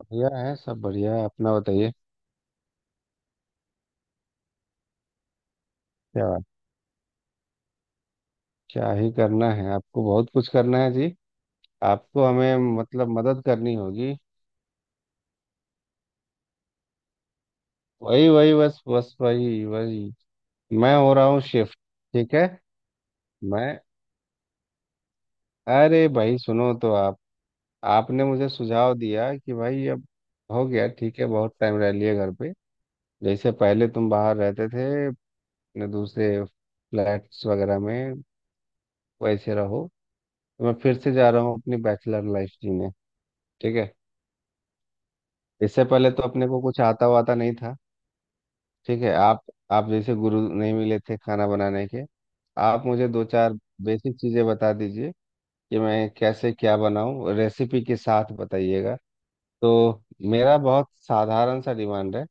बढ़िया है सब, बढ़िया है। अपना बताइए। क्या? क्या ही करना है? आपको बहुत कुछ करना है जी। आपको हमें, मतलब, मदद करनी होगी। वही वही, बस बस, वही वही। मैं हो रहा हूँ शिफ्ट। ठीक है। मैं अरे भाई सुनो। तो आप आपने मुझे सुझाव दिया कि भाई अब हो गया, ठीक है, बहुत टाइम रह लिया घर पे। जैसे पहले तुम बाहर रहते थे अपने दूसरे फ्लैट्स वगैरह में, वैसे रहो। तो मैं फिर से जा रहा हूँ अपनी बैचलर लाइफ जीने। ठीक है। इससे पहले तो अपने को कुछ आता वाता नहीं था। ठीक है। आप जैसे गुरु नहीं मिले थे खाना बनाने के। आप मुझे दो चार बेसिक चीज़ें बता दीजिए कि मैं कैसे क्या बनाऊं, रेसिपी के साथ बताइएगा। तो मेरा बहुत साधारण सा डिमांड है।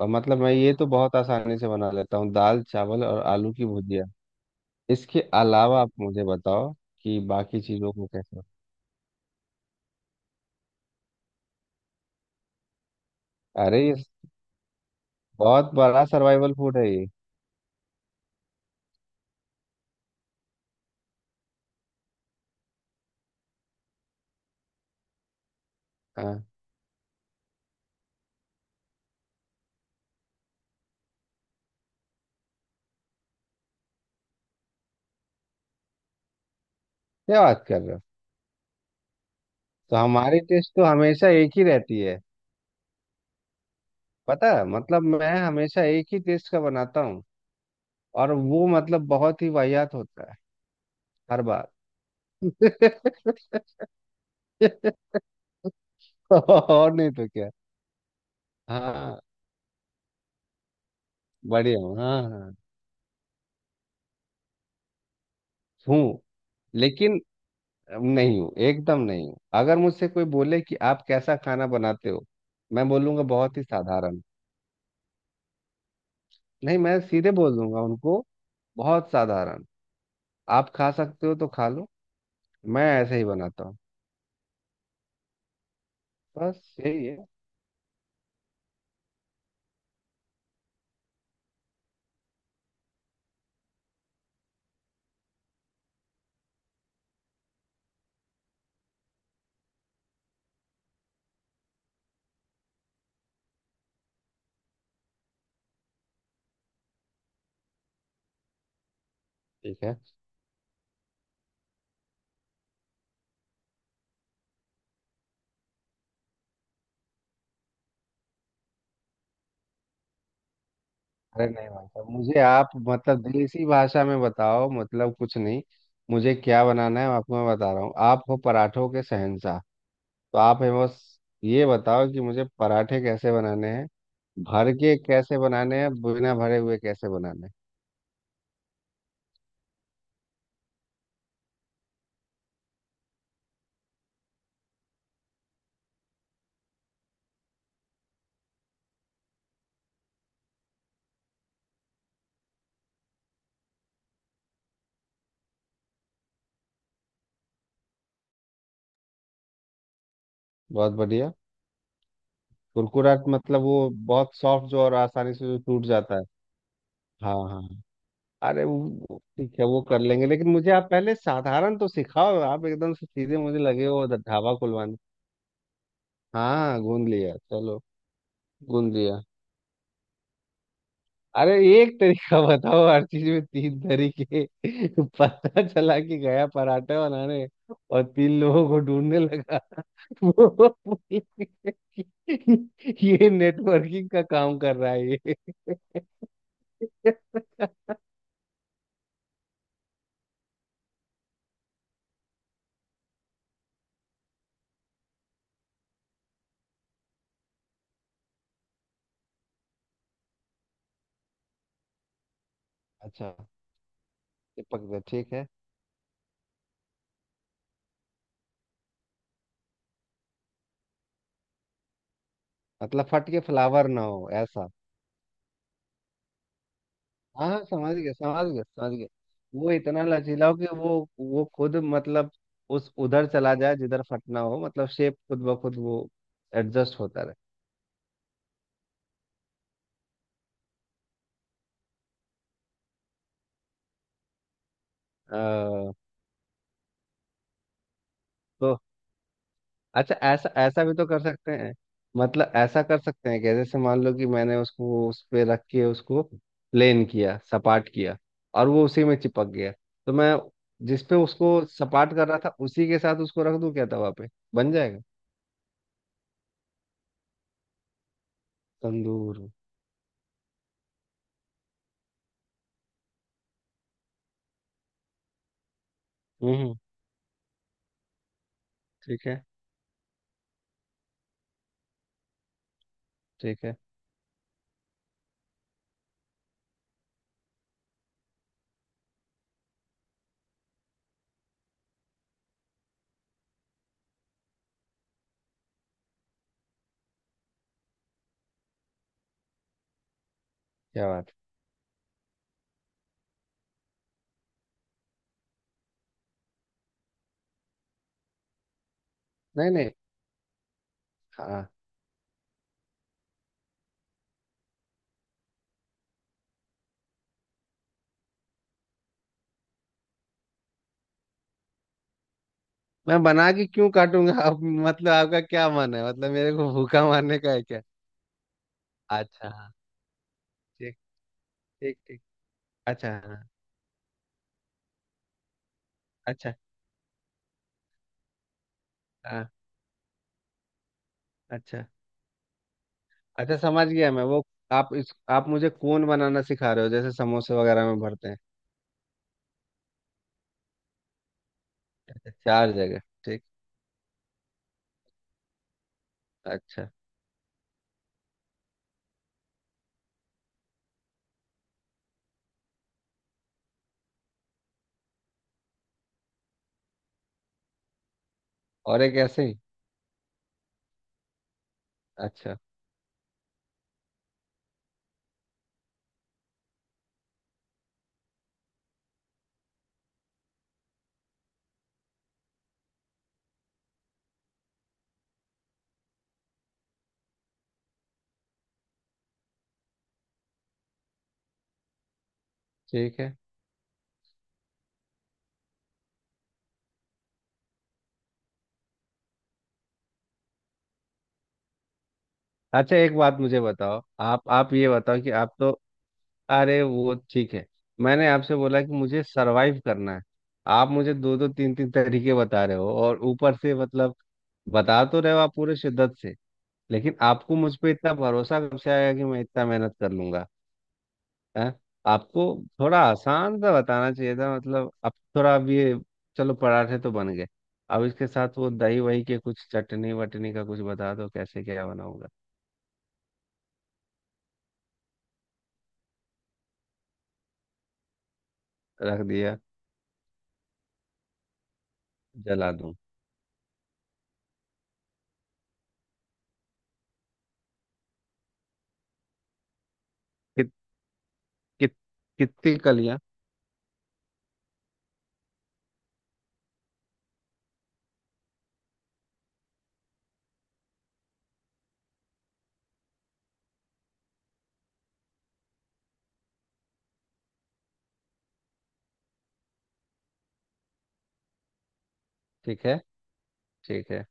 और मतलब मैं ये तो बहुत आसानी से बना लेता हूँ दाल चावल और आलू की भुजिया। इसके अलावा आप मुझे बताओ कि बाकी चीज़ों को कैसे। अरे ये बहुत बड़ा सर्वाइवल फूड है ये। हाँ, क्या बात कर रहे हो। तो हमारी टेस्ट तो हमेशा एक ही रहती है। पता है? मतलब मैं हमेशा एक ही टेस्ट का बनाता हूँ। और वो मतलब बहुत ही वाहियात होता है हर बार। और नहीं तो क्या। हाँ, बढ़िया हूँ। हाँ हाँ। हूँ, लेकिन नहीं हूँ, एकदम नहीं हूँ। अगर मुझसे कोई बोले कि आप कैसा खाना बनाते हो, मैं बोलूंगा बहुत ही साधारण। नहीं, मैं सीधे बोल दूंगा उनको, बहुत साधारण। आप खा सकते हो तो खा लो। मैं ऐसे ही बनाता हूँ। बस यही है। ठीक है। अरे नहीं भाई साहब, मुझे आप, मतलब, देसी भाषा में बताओ, मतलब कुछ नहीं। मुझे क्या बनाना है आपको मैं बता रहा हूँ। आप हो पराठों के शहंशाह। तो आप है बस, ये बताओ कि मुझे पराठे कैसे बनाने हैं, भर के कैसे बनाने हैं, बिना भरे हुए कैसे बनाने हैं। बहुत बढ़िया। कुरकुरा मतलब वो बहुत सॉफ्ट जो और आसानी से जो टूट जाता है। हाँ हाँ हाँ। अरे वो ठीक है, वो कर लेंगे, लेकिन मुझे आप पहले साधारण तो सिखाओ। आप एकदम से सीधे मुझे लगे हो ढाबा खुलवाने। हाँ हाँ हाँ, गूंद लिया, चलो। गूंद लिया। अरे एक तरीका बताओ, हर चीज में 3 तरीके। पता चला कि गया पराठे बनाने और 3 लोगों को ढूंढने लगा। वो, ये नेटवर्किंग का काम कर रहा है ये। अच्छा, चिपक गया, ठीक है। मतलब फट के फ्लावर ना हो ऐसा। हाँ समझ गया, समझ गया, समझ गया। वो इतना लचीला हो कि वो खुद मतलब उस उधर चला जाए जिधर फटना हो, मतलब शेप खुद ब खुद वो एडजस्ट होता रहे। अ, तो अच्छा, ऐसा ऐसा भी तो कर सकते हैं। मतलब ऐसा कर सकते हैं कि जैसे मान लो कि मैंने उसको उस पे रख के उसको प्लेन किया, सपाट किया, और वो उसी में चिपक गया, तो मैं जिस पे उसको सपाट कर रहा था उसी के साथ उसको रख दूं क्या तवा पे? बन जाएगा। तंदूर। हम्म। ठीक है, ठीक है। क्या बात। नहीं नहीं। हाँ, मैं बना के क्यों काटूंगा? आप मतलब आपका क्या मन है, मतलब मेरे को भूखा मारने का है क्या? अच्छा हाँ। ठीक, ठीक ठीक। अच्छा हाँ। अच्छा हाँ। अच्छा अच्छा, समझ गया मैं वो। आप मुझे कोन बनाना सिखा रहे हो जैसे समोसे वगैरह में भरते हैं। 4 जगह। ठीक। अच्छा। और एक ऐसे ही। अच्छा, ठीक है। अच्छा, एक बात मुझे बताओ, आप ये बताओ कि आप तो। अरे वो ठीक है, मैंने आपसे बोला कि मुझे सरवाइव करना है। आप मुझे दो दो तीन तीन तरीके बता रहे हो और ऊपर से, मतलब, बता तो रहे हो आप पूरे शिद्दत से। लेकिन आपको मुझ पे इतना भरोसा कब से आया कि मैं इतना मेहनत कर लूंगा? हैं? आपको थोड़ा आसान सा बताना चाहिए था। मतलब अब थोड़ा अब ये, चलो पराठे तो बन गए। अब इसके साथ वो दही वही के कुछ, चटनी वटनी का कुछ बता दो कैसे क्या बनाऊंगा। रख दिया। जला दूं। कित कित कितनी कलियां। ठीक है, ठीक है।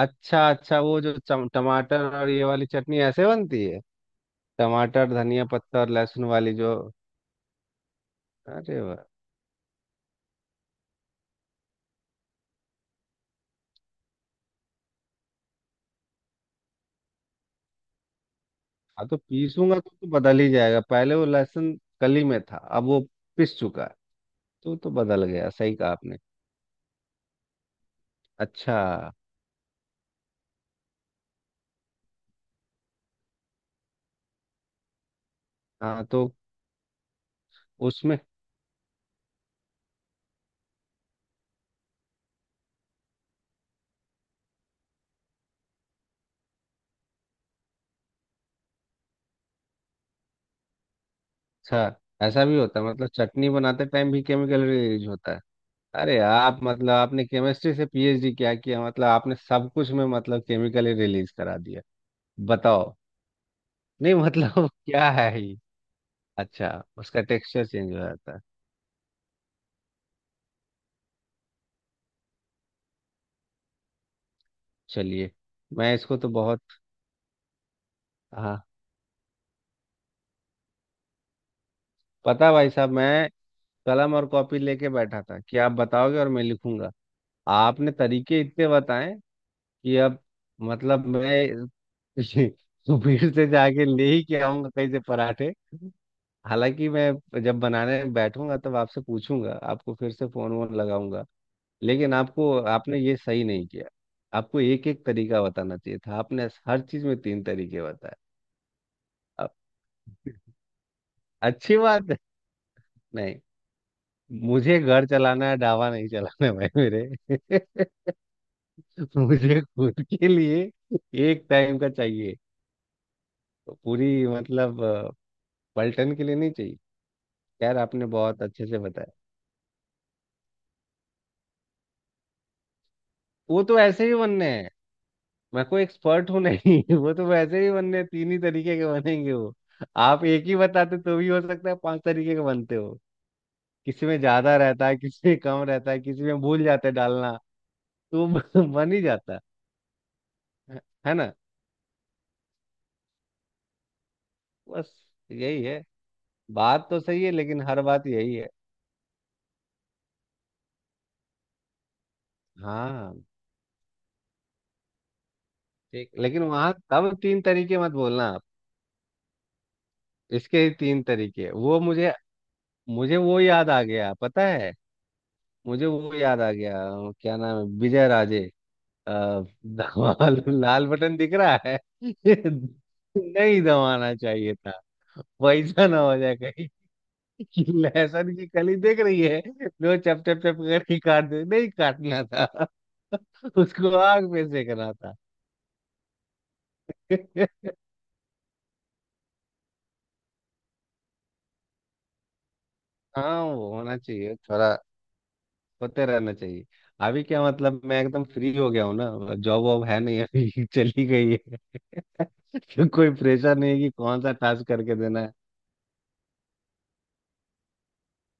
अच्छा अच्छा, वो जो टमाटर और ये वाली चटनी ऐसे बनती है? टमाटर धनिया पत्ता और लहसुन वाली जो? अरे वाह। हाँ तो पीसूंगा तो बदल ही जाएगा। पहले वो लहसुन कली में था अब वो पिस चुका है, तो बदल गया, सही कहा आपने। अच्छा। हाँ तो उसमें। अच्छा, ऐसा भी होता है मतलब चटनी बनाते टाइम भी केमिकल यूज होता है? अरे आप मतलब आपने केमिस्ट्री से पीएचडी क्या किया, मतलब आपने सब कुछ में मतलब केमिकल ही रिलीज करा दिया। बताओ। नहीं मतलब क्या है। अच्छा। उसका टेक्सचर चेंज हो जाता है। चलिए, मैं इसको तो बहुत, हाँ। पता है भाई साहब, मैं कलम और कॉपी लेके बैठा था कि आप बताओगे और मैं लिखूंगा। आपने तरीके इतने बताए कि अब मतलब मैं सुबीर से जाके ले ही के आऊंगा कहीं से पराठे। हालांकि मैं जब बनाने बैठूंगा तब आपसे पूछूंगा, आपको फिर से फोन वोन लगाऊंगा। लेकिन आपको आपने ये सही नहीं किया। आपको एक एक तरीका बताना चाहिए था, आपने हर चीज में तीन तरीके बताए। अच्छी बात है। नहीं, मुझे घर चलाना है, ढाबा नहीं चलाना है भाई मेरे। मुझे खुद के लिए एक टाइम का चाहिए, तो पूरी मतलब पलटन के लिए नहीं चाहिए। खैर आपने बहुत अच्छे से बताया। वो तो ऐसे ही बनने हैं, मैं कोई एक्सपर्ट हूँ नहीं। वो तो वैसे ही बनने हैं, तीन ही तरीके के बनेंगे वो। आप एक ही बताते तो भी हो सकता है 5 तरीके के बनते हो। किसी में ज्यादा रहता है, किसी में कम रहता है, किसी में भूल जाते हैं डालना, तो बन ही जाता है। है ना? बस यही है। बात तो सही है लेकिन हर बात यही है। हाँ ठीक, लेकिन वहां तब 3 तरीके मत बोलना आप। इसके ही तीन तरीके वो, मुझे मुझे वो याद आ गया, पता है, मुझे वो याद आ गया, क्या नाम है, विजय राजे। अ, धमाल लाल बटन दिख रहा है। नहीं दबाना चाहिए था, वैसा ना हो जाए कहीं। लहसुन की कली देख रही है जो चप चप चप करके काट दे, नहीं काटना था। उसको आग में सेकना था। हाँ वो होना चाहिए थोड़ा, होते रहना चाहिए। अभी क्या मतलब मैं एकदम फ्री हो गया हूँ ना, जॉब वॉब है नहीं अभी, चली गई है। तो कोई प्रेशर नहीं है कि कौन सा टास्क करके देना है।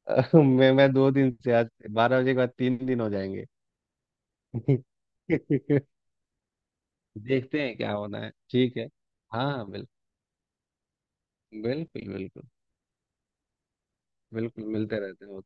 मैं 2 दिन से, आज 12 बजे के बाद 3 दिन हो जाएंगे। देखते हैं क्या होना है, ठीक है। हाँ हाँ बिल्कुल। बिल्कुल बिल्कुल। बिल्कुल मिलते रहते हैं।